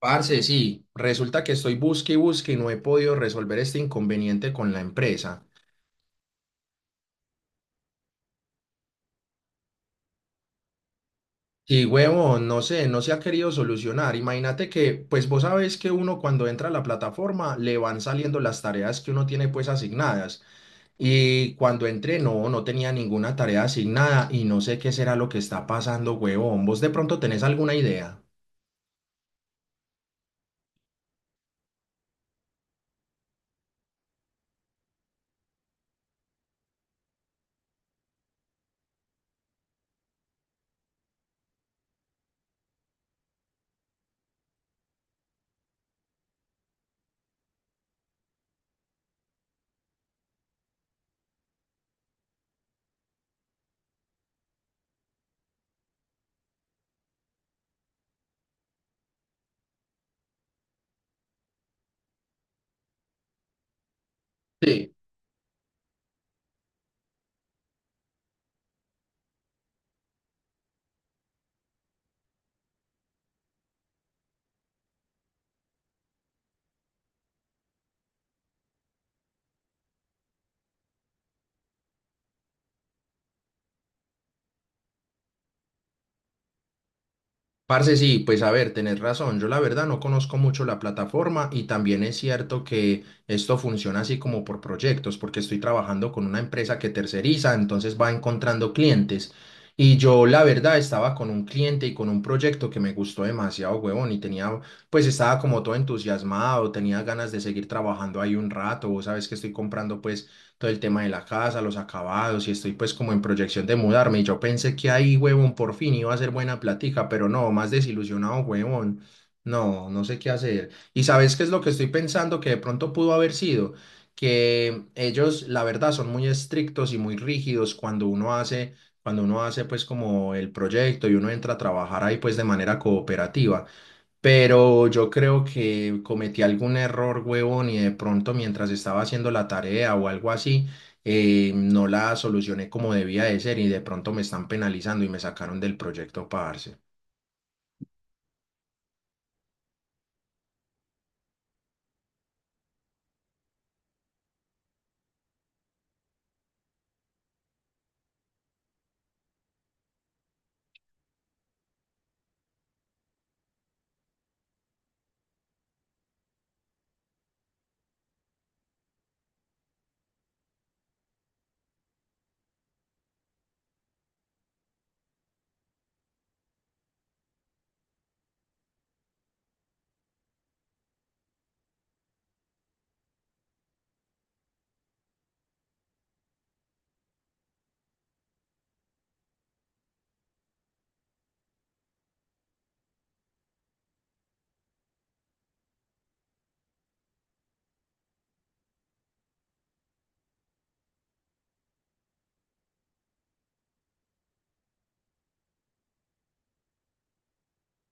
Parce, sí, resulta que estoy busque y busque y no he podido resolver este inconveniente con la empresa. Sí, huevo, no sé, no se ha querido solucionar. Imagínate que, pues vos sabes que uno cuando entra a la plataforma le van saliendo las tareas que uno tiene pues asignadas. Y cuando entré, no, no tenía ninguna tarea asignada y no sé qué será lo que está pasando, huevón. ¿Vos de pronto tenés alguna idea? Sí. Parce, sí, pues a ver, tenés razón. Yo la verdad no conozco mucho la plataforma y también es cierto que esto funciona así como por proyectos, porque estoy trabajando con una empresa que terceriza, entonces va encontrando clientes. Y yo la verdad estaba con un cliente y con un proyecto que me gustó demasiado, huevón, y tenía, pues estaba como todo entusiasmado, tenía ganas de seguir trabajando ahí un rato. Vos sabes que estoy comprando pues todo el tema de la casa, los acabados, y estoy pues como en proyección de mudarme. Y yo pensé que ahí, huevón, por fin iba a ser buena plática, pero no, más desilusionado, huevón. No, no sé qué hacer. ¿Y sabes qué es lo que estoy pensando que de pronto pudo haber sido? Que ellos, la verdad, son muy estrictos y muy rígidos cuando uno hace pues como el proyecto y uno entra a trabajar ahí pues de manera cooperativa. Pero yo creo que cometí algún error, huevón, y de pronto mientras estaba haciendo la tarea o algo así, no la solucioné como debía de ser y de pronto me están penalizando y me sacaron del proyecto, parce.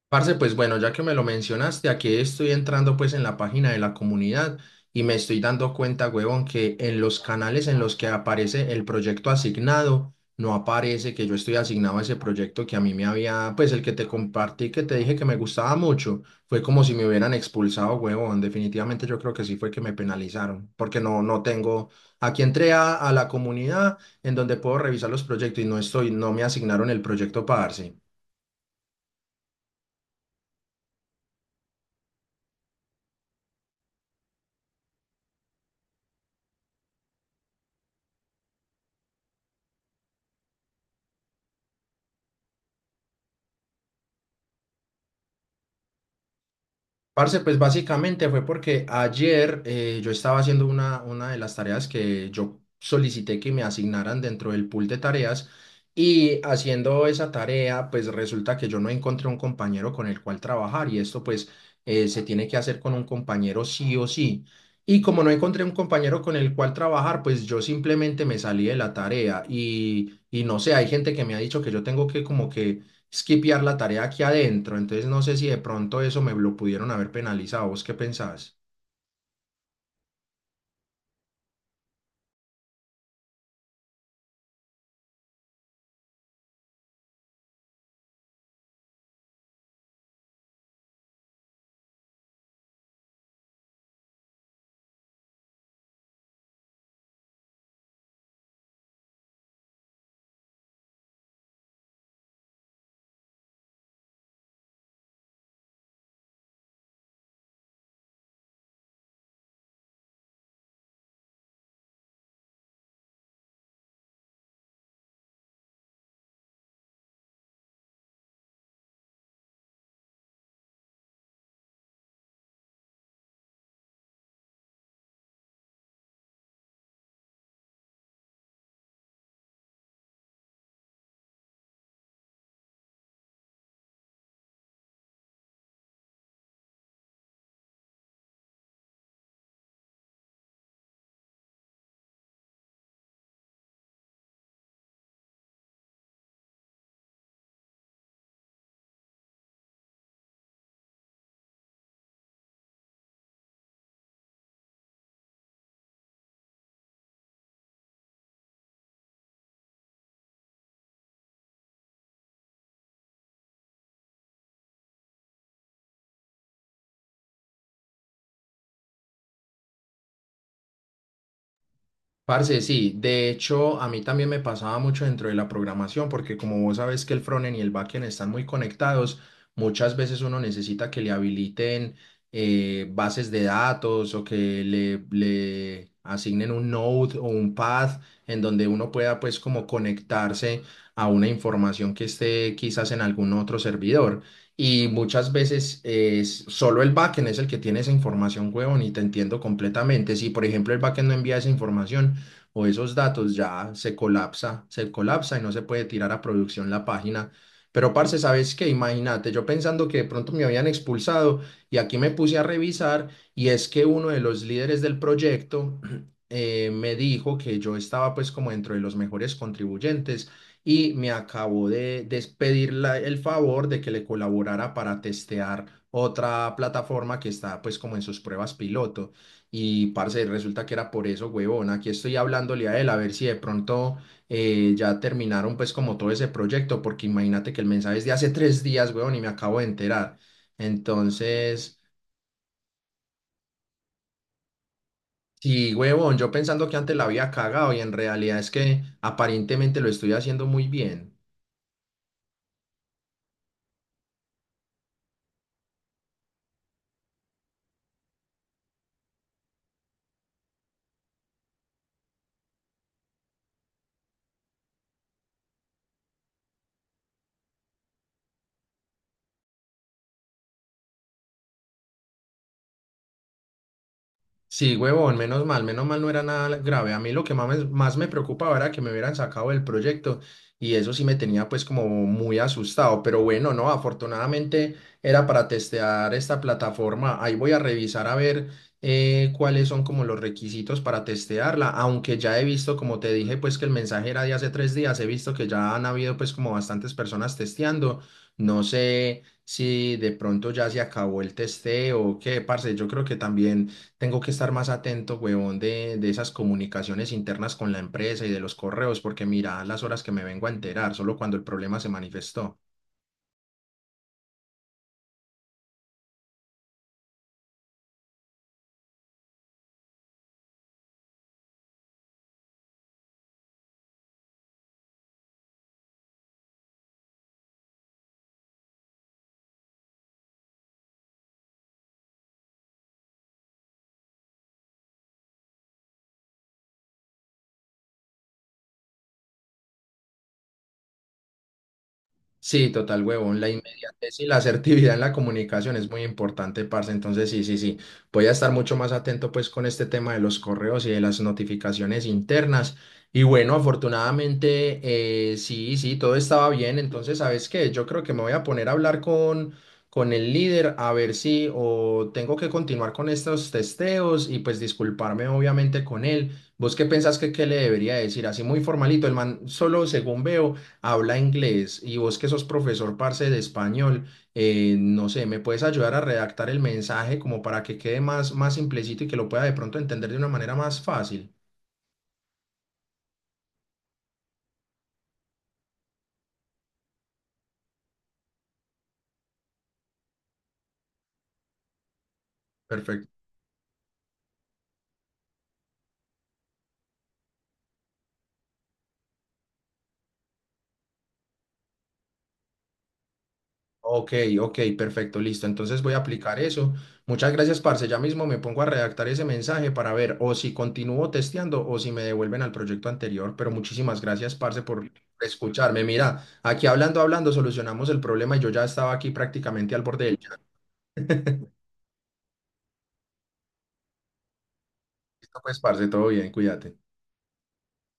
Parce, pues bueno, ya que me lo mencionaste, aquí estoy entrando pues en la página de la comunidad y me estoy dando cuenta, huevón, que en los canales en los que aparece el proyecto asignado, no aparece que yo estoy asignado a ese proyecto que a mí me había, pues el que te compartí, que te dije que me gustaba mucho, fue como si me hubieran expulsado, huevón. Definitivamente yo creo que sí fue que me penalizaron, porque no, no tengo, aquí entré a la comunidad en donde puedo revisar los proyectos y no estoy, no me asignaron el proyecto parce. Parce, pues básicamente fue porque ayer yo estaba haciendo una de las tareas que yo solicité que me asignaran dentro del pool de tareas y haciendo esa tarea, pues resulta que yo no encontré un compañero con el cual trabajar y esto pues se tiene que hacer con un compañero sí o sí. Y como no encontré un compañero con el cual trabajar, pues yo simplemente me salí de la tarea y no sé, hay gente que me ha dicho que yo tengo que como que skipear la tarea aquí adentro. Entonces no sé si de pronto eso me lo pudieron haber penalizado. ¿Vos qué pensás? Parce, sí, de hecho a mí también me pasaba mucho dentro de la programación, porque como vos sabes que el frontend y el backend están muy conectados, muchas veces uno necesita que le habiliten bases de datos o que le asignen un node o un path en donde uno pueda pues como conectarse a una información que esté quizás en algún otro servidor. Y muchas veces es, solo el backend es el que tiene esa información, huevón, y te entiendo completamente. Si, por ejemplo, el backend no envía esa información, o esos datos ya se colapsa y no se puede tirar a producción la página. Pero, parce, ¿sabes qué? Imagínate, yo pensando que de pronto me habían expulsado y aquí me puse a revisar y es que uno de los líderes del proyecto me dijo que yo estaba pues como dentro de los mejores contribuyentes y me acabó de despedir el favor de que le colaborara para testear otra plataforma que está pues como en sus pruebas piloto. Y parce, resulta que era por eso, huevón. Aquí estoy hablándole a él a ver si de pronto ya terminaron pues como todo ese proyecto, porque imagínate que el mensaje es de hace 3 días, huevón, y me acabo de enterar. Entonces, sí, huevón, yo pensando que antes la había cagado y en realidad es que aparentemente lo estoy haciendo muy bien. Sí, huevón, menos mal no era nada grave. A mí lo que más más me preocupaba era que me hubieran sacado del proyecto y eso sí me tenía pues como muy asustado. Pero bueno, no, afortunadamente era para testear esta plataforma. Ahí voy a revisar a ver cuáles son como los requisitos para testearla. Aunque ya he visto, como te dije, pues que el mensaje era de hace 3 días, he visto que ya han habido pues como bastantes personas testeando. No sé si de pronto ya se acabó el testeo o qué, parce. Yo creo que también tengo que estar más atento, huevón, de esas comunicaciones internas con la empresa y de los correos, porque mira las horas que me vengo a enterar, solo cuando el problema se manifestó. Sí, total, huevón. La inmediatez y la asertividad en la comunicación es muy importante, parce. Entonces, sí, sí, sí. Voy a estar mucho más atento, pues, con este tema de los correos y de las notificaciones internas. Y bueno, afortunadamente, sí, sí, todo estaba bien. Entonces, ¿sabes qué? Yo creo que me voy a poner a hablar con el líder a ver si o tengo que continuar con estos testeos y, pues, disculparme, obviamente, con él. ¿Vos qué pensás que qué le debería decir? Así muy formalito. El man, solo según veo habla inglés y vos que sos profesor, parce, de español, no sé, ¿me puedes ayudar a redactar el mensaje como para que quede más, más simplecito y que lo pueda de pronto entender de una manera más fácil? Perfecto. Ok, ok, perfecto, listo. Entonces voy a aplicar eso. Muchas gracias, parce. Ya mismo me pongo a redactar ese mensaje para ver o si continúo testeando o si me devuelven al proyecto anterior. Pero muchísimas gracias, parce, por escucharme. Mira, aquí hablando, hablando, solucionamos el problema y yo ya estaba aquí prácticamente al borde del llanto. Listo, pues, parce, todo bien, cuídate.